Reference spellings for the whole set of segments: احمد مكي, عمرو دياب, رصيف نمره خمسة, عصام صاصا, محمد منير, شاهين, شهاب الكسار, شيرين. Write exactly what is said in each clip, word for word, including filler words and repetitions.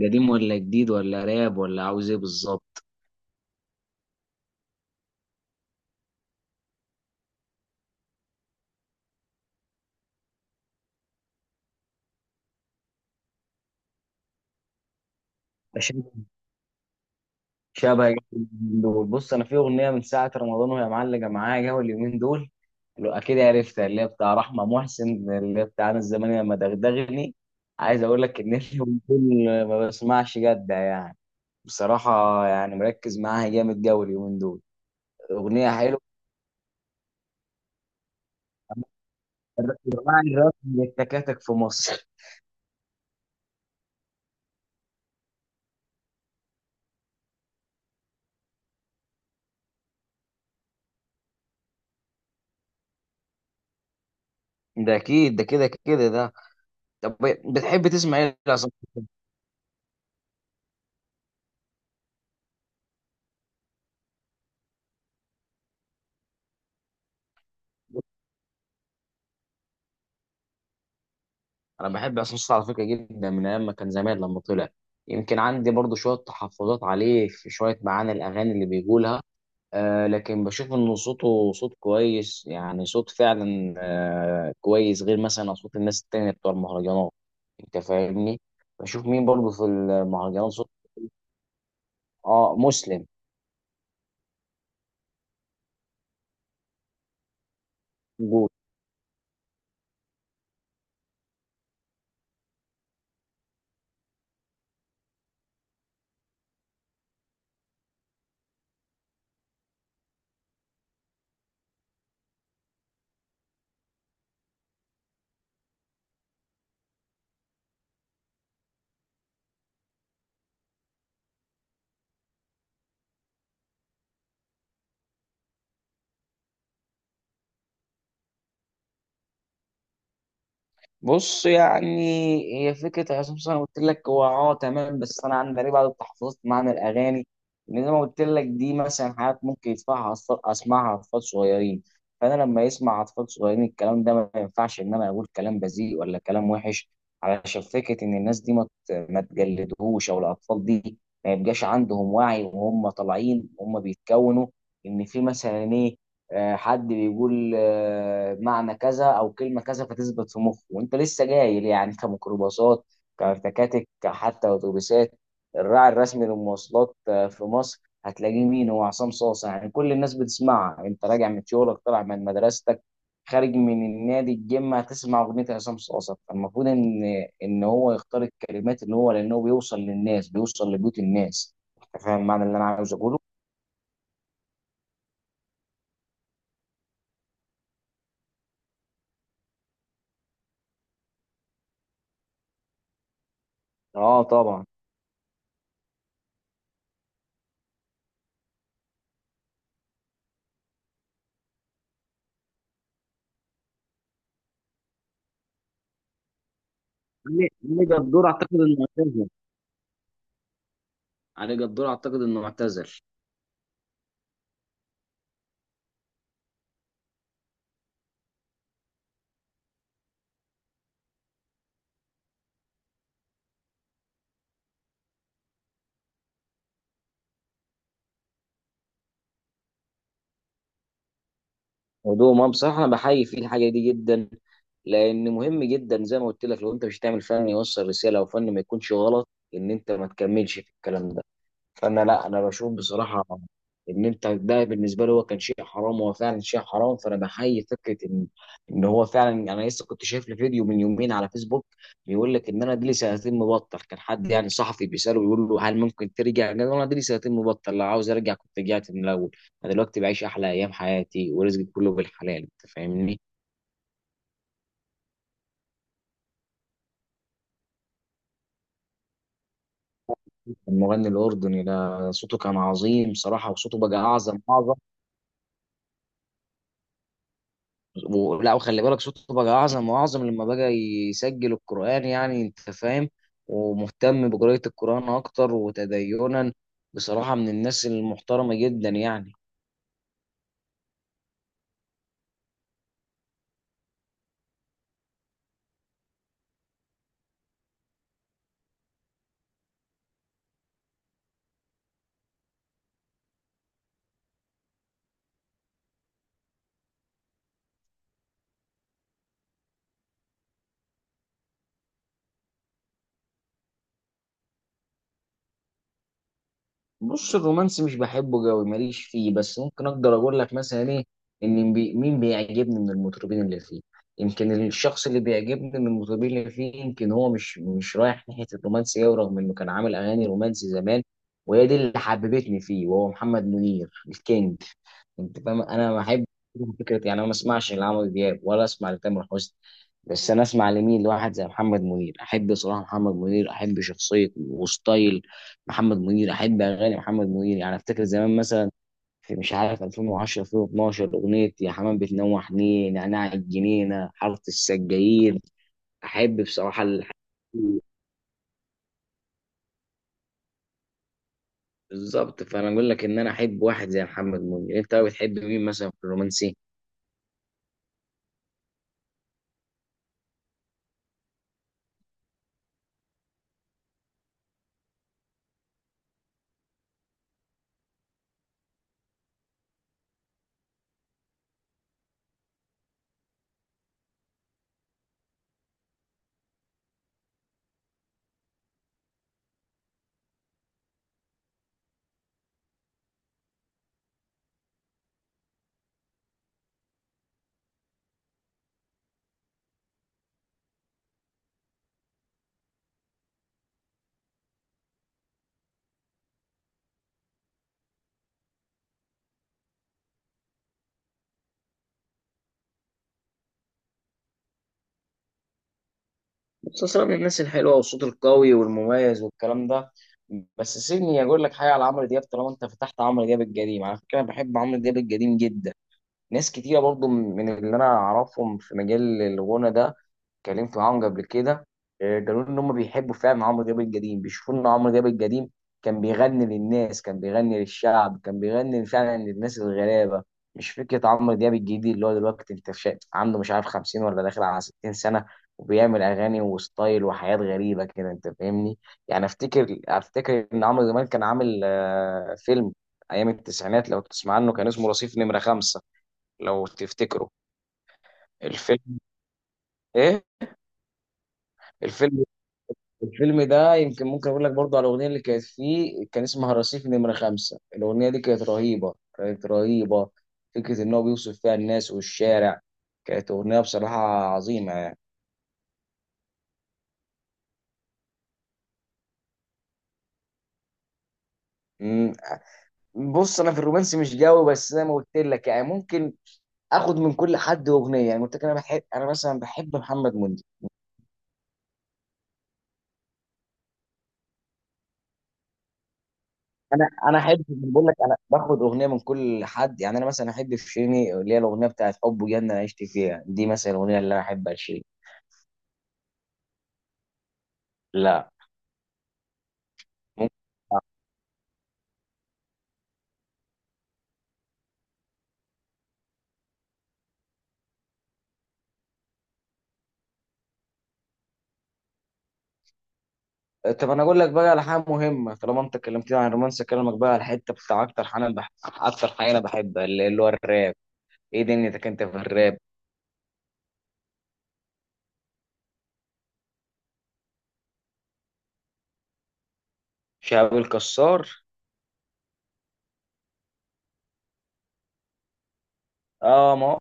قديم ولا جديد ولا راب ولا عاوز ايه بالظبط؟ شبه شبه اليومين دول. بص، انا في اغنيه من ساعه رمضان وهي معلقه معايا جو اليومين دول. لو اكيد عرفتها، اللي هي بتاع رحمه محسن، اللي هي بتاع انا الزمان لما دغدغني. عايز اقول لك ان اليومين دول ما بسمعش جد يعني، بصراحه. يعني مركز معاها جامد جو اليومين دول. اغنيه حلوه. جماعه الراب من التكاتك في مصر ده اكيد، ده كده كده ده. طب بتحب تسمع ايه اصلا؟ انا بحب عصام صاصا على فكره جدا، من ايام ما كان زمان لما طلع. يمكن عندي برضو شويه تحفظات عليه في شويه معاني الاغاني اللي بيقولها، آه، لكن بشوف انه صوته صوت كويس، يعني صوت فعلا آه كويس، غير مثلا اصوات الناس التانية بتوع المهرجانات. انت فاهمني. بشوف مين برضو في المهرجانات صوت. اه، مسلم. بص، يعني هي فكره عصام صاصا انا قلت لك، هو اه تمام، بس انا عندي غريب بعد التحفظت معنى الاغاني، لان زي ما قلت لك دي مثلا حاجات ممكن يدفعها أطفال- اسمعها اطفال صغيرين. فانا لما يسمع اطفال صغيرين الكلام ده، ما ينفعش ان انا اقول كلام بذيء ولا كلام وحش، علشان فكره ان الناس دي ما ت- ما تجلدهوش، او الاطفال دي ما يبقاش عندهم وعي وهم طالعين وهم بيتكونوا. ان في مثلا إيه، آه، حد بيقول آه، معنى كذا او كلمه كذا، فتثبت في مخه وانت لسه جاي ليه؟ يعني كميكروباصات، كتكاتك، حتى اتوبيسات. الراعي الرسمي للمواصلات آه، في مصر، هتلاقيه مين؟ هو عصام صاصا. يعني كل الناس بتسمعها، انت راجع من شغلك، طالع من مدرستك، خارج من النادي الجيم، هتسمع اغنيه عصام صاصا. فالمفروض ان ان هو يختار الكلمات اللي هو، لانه بيوصل للناس، بيوصل لبيوت الناس. انت فاهم المعنى اللي انا عاوز اقوله. اه طبعا. علي علي جدور اعتقد انه اعتزل. علي جدور اعتقد انه اعتزل. ودوه ما بصراحه انا بحيي فيه الحاجه دي جدا، لان مهم جدا زي ما قلت لك، لو انت مش هتعمل فن يوصل رساله، او فن، ما يكونش غلط، ان انت ما تكملش في الكلام ده. فانا، لا انا بشوف بصراحه ان انت ده بالنسبه لي هو كان شيء حرام، هو فعلا شيء حرام. فانا بحيي فكره ان ان هو فعلا. انا لسه كنت شايف له فيديو من يومين على فيسبوك، بيقول لك ان انا دي لي سنتين مبطل. كان حد يعني صحفي بيساله، بيقول له هل ممكن ترجع؟ قال له انا دي لي سنتين مبطل، لو عاوز ارجع كنت رجعت من الاول. انا دلوقتي بعيش احلى ايام حياتي ورزقي كله بالحلال. انت فاهمني. المغني الاردني ده صوته كان عظيم صراحه، وصوته بقى اعظم اعظم. و- لا وخلي بالك صوته بقى اعظم واعظم لما بقى يسجل القرآن. يعني انت فاهم، ومهتم بقراءة القرآن اكتر وتدينا، بصراحة من الناس المحترمة جدا يعني. بص، الرومانسي مش بحبه قوي، ماليش فيه، بس ممكن اقدر اقول لك مثلا ايه، ان بي مين بيعجبني من المطربين اللي فيه. يمكن الشخص اللي بيعجبني من المطربين اللي فيه، يمكن هو مش مش رايح ناحية الرومانسي قوي، رغم انه كان عامل اغاني رومانسي زمان، وهي دي اللي حببتني فيه، وهو محمد منير الكينج. انت فاهم. انا ما احب فكره يعني انا ما اسمعش لعمرو دياب ولا اسمع لتامر حسني، بس انا اسمع لمين؟ لواحد زي محمد منير. احب صراحه محمد منير، احب شخصيه وستايل محمد منير، احب اغاني محمد منير. يعني افتكر زمان مثلا في مش عارف ألفين وعشرة، ألفين واتناشر، اغنيه يا حمام بتنوح نيه، نعناع الجنينه، حاره السجاير. احب بصراحه الح- بالظبط. فانا اقول لك ان انا احب واحد زي محمد منير. انت بتحب مين مثلا في الرومانسي؟ مسلسلات من الناس الحلوه، وصوته القوي والمميز والكلام ده. بس سيبني اقول لك حاجه على عمرو دياب، طالما انت فتحت عمرو دياب القديم. على فكره انا بحب عمرو دياب القديم جدا. ناس كتيره برضو من اللي انا اعرفهم في مجال الغنى ده اتكلمت معاهم قبل كده، آه، قالوا لي ان هم بيحبوا فعلا عمرو دياب القديم، بيشوفوا ان عمرو دياب القديم كان بيغني للناس، كان بيغني للشعب، كان بيغني فعلا للناس الغلابه. مش فكره عمرو دياب الجديد اللي هو دلوقتي، انت شا- عنده مش عارف خمسين ولا داخل على ستين سنه، وبيعمل اغاني وستايل وحياه غريبه كده. انت فاهمني. يعني افتكر افتكر ان عمرو زمان كان عامل آه، فيلم ايام التسعينات، لو تسمع عنه، كان اسمه رصيف نمره خمسة. لو تفتكروا الفيلم. ايه؟ الفيلم، الفيلم ده يمكن ممكن اقول لك برضه على الاغنيه اللي كانت فيه، كان اسمها رصيف نمره خمسة. الاغنيه دي كانت رهيبه كانت رهيبه. فكره ان هو بيوصف فيها الناس والشارع. كانت اغنيه بصراحه عظيمه يعني. أمم، بص، انا في الرومانسي مش قوي، بس زي ما قلت لك يعني ممكن اخد من كل حد اغنيه. يعني قلت لك انا بحب انا مثلا بحب محمد منير. انا انا احب، بقول لك انا باخد اغنيه من كل حد، يعني انا مثلا احب في شيرين اللي هي الاغنيه بتاعت حب وجنه، انا عشت فيها دي مثلا الاغنيه اللي انا احبها لشيرين. لا. طب انا اقول لك بقى على حاجه مهمه، طالما انت اتكلمتني عن الرومانس، اكلمك بقى على الحته بتاع اكتر حاجه انا بح... اكتر حاجه انا بحبها، اللي اللي هو الراب. ايه دنيتك انت في الراب؟ شهاب الكسار. اه ما هو-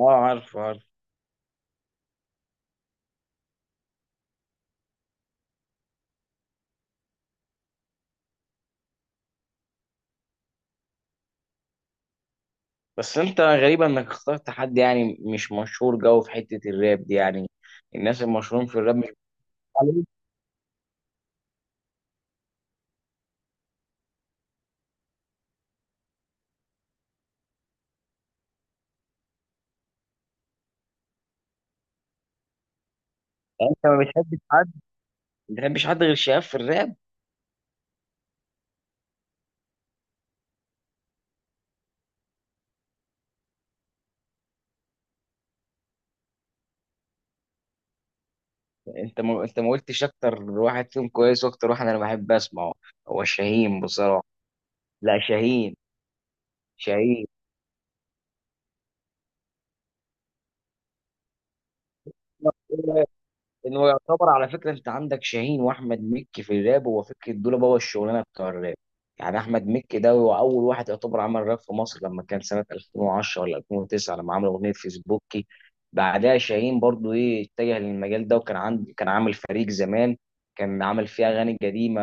اه، عارف عارف. بس انت غريب انك اخترت حد يعني مش مشهور جو في حته الراب دي يعني. الناس المشهورين في الراب مش بتعلم يعني؟ انت ما بتحبش حد، ما بتحبش حد غير شهاب في الراب؟ انت ما انت ما قلتش اكتر واحد فيهم كويس، واكتر واحد انا بحب اسمعه هو شاهين بصراحه. لا شاهين. شاهين، انه يعتبر على فكره، انت عندك شاهين واحمد مكي في الراب، هو فكره دول بابا الشغلانه بتاع الراب. يعني احمد مكي ده هو اول واحد يعتبر عمل راب في مصر، لما كان سنه ألفين وعشرة ولا ألفين وتسعة، لما عمل اغنيه فيسبوكي. بعدها شاهين برضو ايه اتجه للمجال ده، وكان عند، كان عامل فريق زمان، كان عامل فيه اغاني قديمه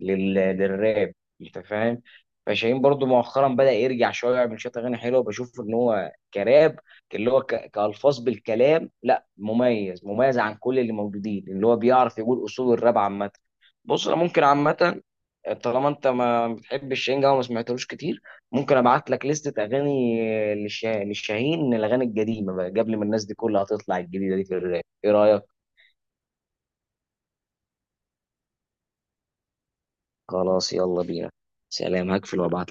لل... للراب. انت فاهم. فشاهين برضو مؤخرا بدا يرجع شويه، يعمل شويه اغاني حلوه. بشوف ان هو كراب، اللي هو ك... كالفاظ بالكلام مميز، مميز عن كل اللي موجودين، اللي هو بيعرف يقول اصول الراب عامه. بص، انا ممكن عامه، طالما انت ما بتحبش شاهين وما سمعتلوش كتير، ممكن ابعت لك لستة اغاني للشا- للشاهين، الاغاني القديمه بقى قبل ما الناس دي كلها تطلع الجديده دي في الراب. ايه رايك؟ خلاص يلا بينا. سلام، هقفل وابعت.